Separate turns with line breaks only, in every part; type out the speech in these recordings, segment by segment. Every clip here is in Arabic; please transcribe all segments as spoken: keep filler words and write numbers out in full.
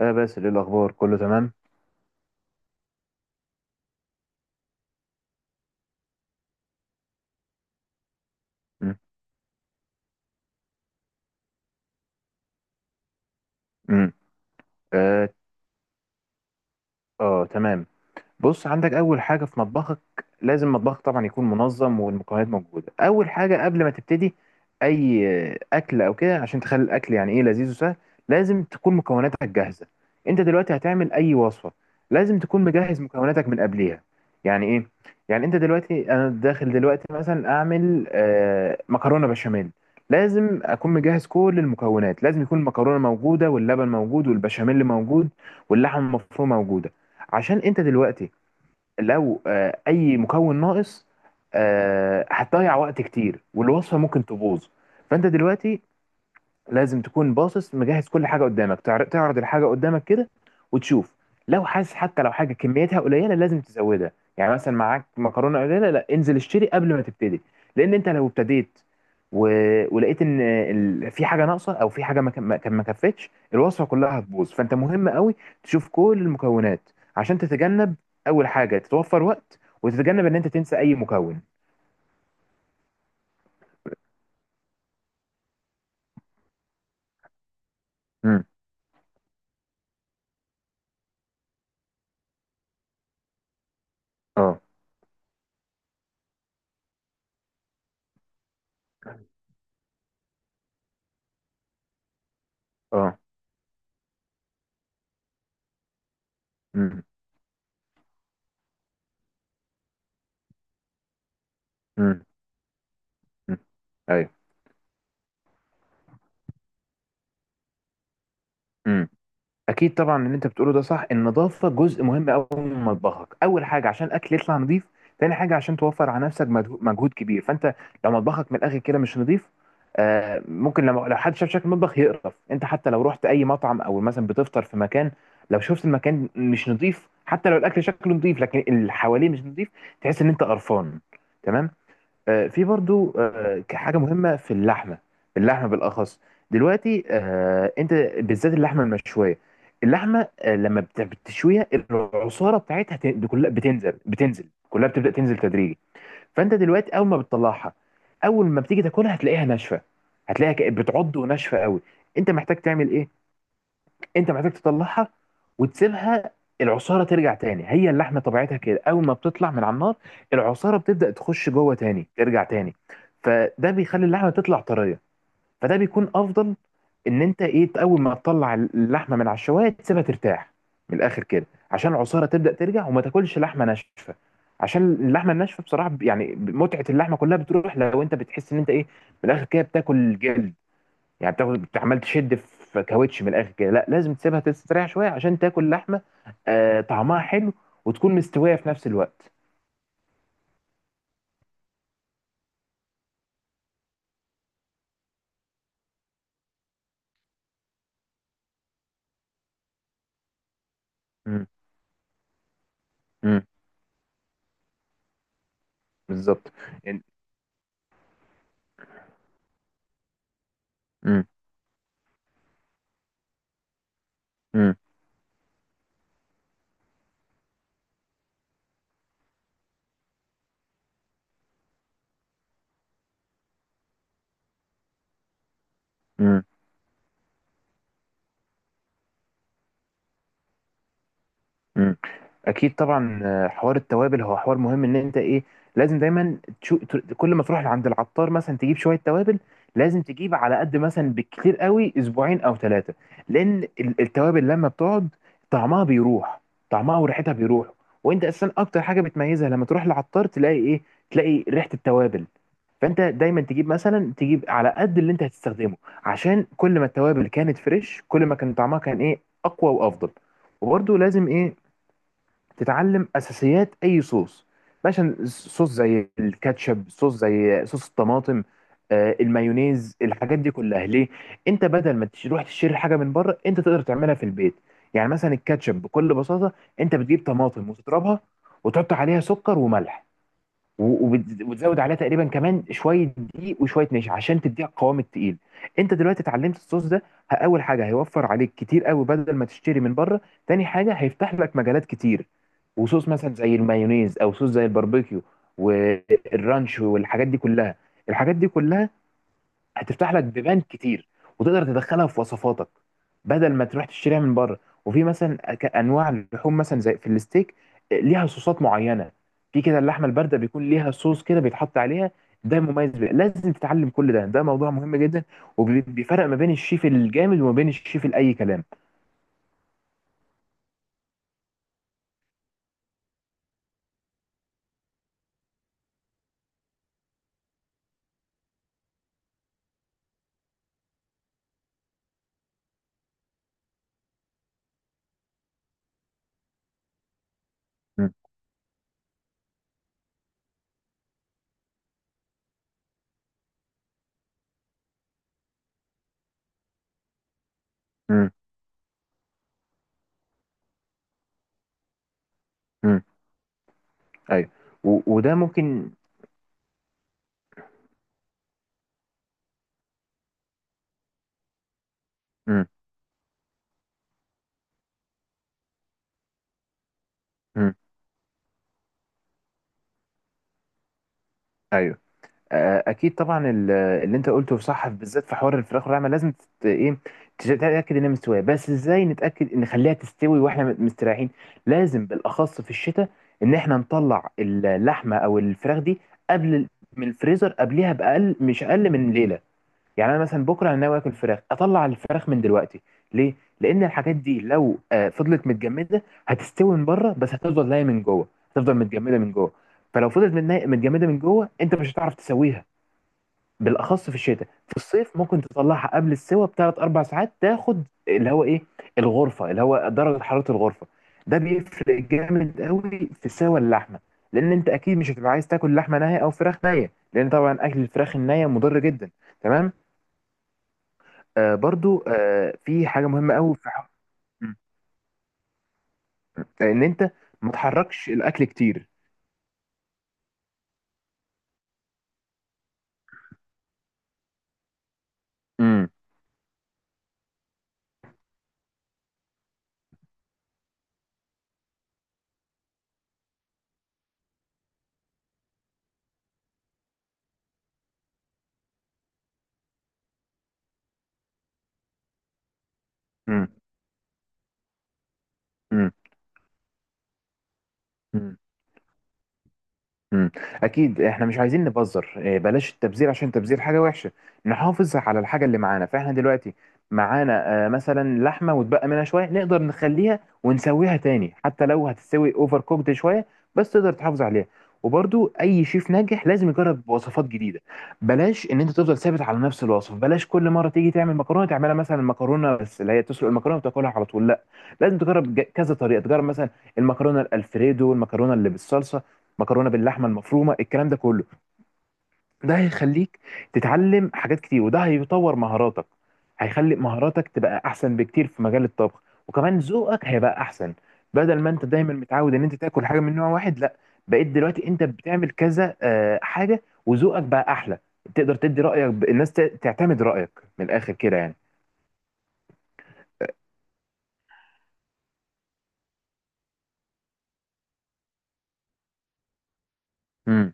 آه، بس ايه الاخبار؟ كله تمام. مم. مم. اه. آه، تمام. بص، عندك اول حاجه في مطبخك، لازم مطبخك طبعا يكون منظم والمكونات موجوده. اول حاجه قبل ما تبتدي اي اكل او كده، عشان تخلي الاكل يعني ايه، لذيذ وسهل، لازم تكون مكوناتك جاهزه. انت دلوقتي هتعمل اي وصفه، لازم تكون مجهز مكوناتك من قبليها. يعني ايه؟ يعني انت دلوقتي، انا داخل دلوقتي مثلا اعمل آه مكرونه بشاميل، لازم اكون مجهز كل المكونات. لازم يكون المكرونه موجوده، واللبن موجود، والبشاميل موجود، واللحم المفروم موجوده. عشان انت دلوقتي لو آه، اي مكون ناقص، آه، هتضيع وقت كتير والوصفه ممكن تبوظ. فانت دلوقتي لازم تكون باصص، مجهز كل حاجه قدامك، تعر- تعرض الحاجه قدامك كده وتشوف. لو حاسس حتى لو حاجه كميتها قليله، لازم تزودها. يعني مثلا معاك مكرونه قليله، لا، انزل اشتري قبل ما تبتدي. لان انت لو ابتديت و... ولقيت ان ال... في حاجه ناقصه، او في حاجه ما ك- ما ما كفتش، الوصفه كلها هتبوظ. فانت مهم قوي تشوف كل المكونات، عشان تتجنب. اول حاجه، تتوفر وقت، وتتجنب ان انت تنسى اي مكون. امم. اه. اه. امم. امم. أمم. ايوه. اكيد طبعا، اللي انت بتقوله ده صح. النظافه جزء مهم قوي من مطبخك. اول حاجه، عشان الاكل يطلع نظيف. تاني حاجه، عشان توفر على نفسك مجهو- مجهود كبير. فانت لو مطبخك من الاخر كده مش نظيف، آه ممكن لما لو حد شاف شكل المطبخ يقرف. انت حتى لو رحت اي مطعم، او مثلا بتفطر في مكان، لو شفت المكان مش نظيف، حتى لو الاكل شكله نظيف لكن اللي حواليه مش نظيف، تحس ان انت قرفان. تمام. آه، في برضو آه، حاجة مهمة في اللحمة، اللحمة بالأخص. دلوقتي آه، أنت بالذات اللحمة المشوية، اللحمة آه، لما بت- بتشويها، العصارة بتاعتها، ت- دي كلها بتنزل، بتنزل كلها، بتبدأ تنزل تدريجي. فأنت دلوقتي أول ما بتطلعها، أول ما بتيجي تاكلها، هتلاقيها ناشفة، هتلاقيها ك- بتعض، وناشفة قوي. أنت محتاج تعمل إيه؟ انت محتاج تطلعها وتسيبها، العصاره ترجع تاني. هي اللحمه طبيعتها كده، اول ما بتطلع من على النار، العصاره بتبدا تخش جوه تاني، ترجع تاني. فده بيخلي اللحمه تطلع طريه. فده بيكون افضل، ان انت ايه، اول ما تطلع اللحمه من على الشوايه تسيبها ترتاح، من الاخر كده، عشان العصاره تبدا ترجع، وما تاكلش لحمه ناشفه. عشان اللحمه الناشفه بصراحه ب- يعني متعه اللحمه كلها بتروح، لو انت بتحس ان انت ايه، من الاخر كده بتاكل جلد. يعني بتاخد عمال تشد في كاوتش من الاخر كده. لا، لازم تسيبها تستريح شويه، عشان تاكل لحمه آه طعمها حلو، وتكون مستويه في نفس الوقت. امم. امم. بالظبط. يعني- امم. امم. مم. اكيد طبعا، آه، حوار التوابل هو حوار مهم. ان انت ايه، لازم دايما تشو... ت- كل ما تروح عند العطار مثلا تجيب شويه توابل، لازم تجيب على قد، مثلا بالكتير قوي اسبوعين او ثلاثه. لان ال- التوابل لما بتقعد، طعمها بيروح، طعمها وريحتها بيروح. وانت اساسا اكتر حاجه بتميزها لما تروح للعطار تلاقي ايه، تلاقي ريحه التوابل. فانت دايما تجيب مثلا، تجيب على قد اللي انت هتستخدمه. عشان كل ما التوابل كانت فريش، كل ما كان طعمها كان ايه، اقوى وافضل. وبرده لازم ايه، تتعلم اساسيات اي صوص، مثلا صوص زي الكاتشب، صوص زي صوص الطماطم، آه، المايونيز، الحاجات دي كلها. ليه؟ انت بدل ما تروح تشتري حاجه من بره، انت تقدر تعملها في البيت. يعني مثلا الكاتشب بكل بساطه، انت بتجيب طماطم وتضربها، وتحط عليها سكر وملح و- وبت- وتزود عليها تقريبا كمان شويه دقيق وشويه نشا، عشان تديها القوام التقيل. انت دلوقتي اتعلمت الصوص ده، ه- اول حاجه هيوفر عليك كتير قوي بدل ما تشتري من بره. تاني حاجه هيفتح لك مجالات كتير. وصوص مثلا زي المايونيز، او صوص زي الباربيكيو، والرانش، والحاجات دي كلها، الحاجات دي كلها هتفتح لك بيبان كتير، وتقدر تدخلها في وصفاتك، بدل ما تروح تشتريها من بره. وفي مثلا أك- انواع اللحوم مثلا زي في الستيك، آه، ليها صوصات معينه. في كده اللحمه البارده بيكون ليها صوص كده بيتحط عليها، ده مميز بيه. لازم تتعلم كل ده، ده موضوع مهم جدا، وبيفرق ما بين الشيف الجامد، وما بين الشيف الاي كلام. م- م- م. ايوه. و- وده ممكن. م- م. ايوه. آه، اكيد طبعا، ال- اللي انت قلته صح، بالذات في حوار الفراخ واللحمه، لازم تت... ايه، تش- تتاكد انها مستويه. بس ازاي نتاكد ان نخليها تستوي واحنا م- مستريحين؟ لازم بالاخص في الشتاء، ان احنا نطلع اللحمه او الفراخ دي قبل ال- من الفريزر، قبليها باقل، مش اقل من ليله. يعني انا مثلا بكره انا ناوي اكل فراخ، اطلع الفراخ من دلوقتي. ليه؟ لان الحاجات دي لو آه، فضلت متجمده، هتستوي من بره، بس هتفضل نايه من جوه، هتفضل متجمده من جوه. فلو فضلت متنا- متجمده من جوه، انت مش هتعرف تسويها. بالاخص في الشتاء. في الصيف ممكن تطلعها قبل السوى بثلاث اربع ساعات، تاخد اللي هو ايه، الغرفه، اللي هو درجه حراره الغرفه. ده بيفرق جامد قوي في سوى اللحمه. لان انت اكيد مش هتبقى عايز تاكل لحمه نيه او فراخ نيه، لان طبعا اكل الفراخ النيه مضر جدا. تمام. آه برضو آه في حاجه مهمه قوي في ح- م- م- ان انت ما تحركش الاكل كتير. امم. امم. امم. اكيد، احنا مش عايزين نبذر إيه، بلاش التبذير، عشان التبذير حاجه وحشه. نحافظ على الحاجه اللي معانا. فاحنا دلوقتي معانا آه، مثلا لحمه، واتبقى منها شويه، نقدر نخليها ونسويها تاني، حتى لو هتستوي اوفر كوكد شويه، بس تقدر تحافظ عليها. وبرضو اي شيف ناجح لازم يجرب وصفات جديده. بلاش ان انت تفضل ثابت على نفس الوصف. بلاش كل مره تيجي تعمل مكرونه تعملها مثلا مكرونه بس اللي هي تسلق المكرونه وتاكلها على طول. لا، لازم تجرب، ج- كذا طريقه، تجرب مثلا المكرونه الالفريدو، المكرونه اللي بالصلصه، مكرونه باللحمه المفرومه، الكلام ده كله. ده هيخليك تتعلم حاجات كتير، وده هيطور مهاراتك، هيخلي مهاراتك تبقى احسن بكتير في مجال الطبخ. وكمان ذوقك هيبقى احسن، بدل ما انت دايما متعود ان انت تاكل حاجه من نوع واحد. لا، بقيت دلوقتي انت بتعمل كذا آه، حاجه، وذوقك بقى احلى. تقدر تدي رايك، ب- الناس ت- تعتمد رايك من الاخر كده يعني. امم.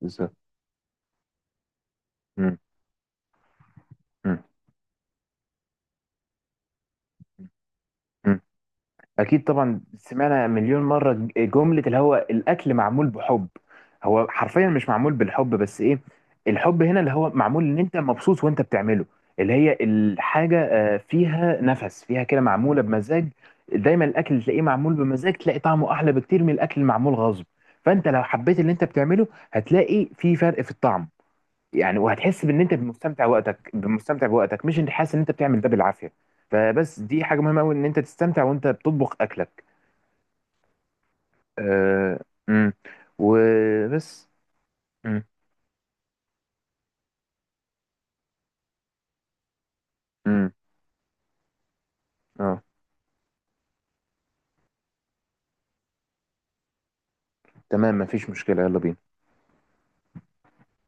بالظبط. مم. مم. مم. اكيد طبعا، سمعنا مليون مره ج- جمله اللي هو الاكل معمول بحب. هو حرفيا مش معمول بالحب، بس ايه، الحب هنا اللي هو معمول ان انت مبسوط وانت بتعمله. اللي هي الحاجه آه، فيها نفس، فيها كده، معموله بمزاج. دايما الاكل اللي تلاقيه معمول بمزاج، تلاقي طعمه احلى بكتير من الاكل المعمول غصب. فانت لو حبيت اللي انت بتعمله، هتلاقي في فرق في الطعم. يعني وهتحس بان انت مستمتع وقتك، مستمتع بوقتك، مش انت حاسس ان انت بتعمل ده بالعافيه. فبس، دي حاجه مهمه قوي، ان انت تستمتع وانت بتطبخ اكلك. آه. امم. وبس. امم. امم. اه. تمام، مفيش مشكله، يلا بينا.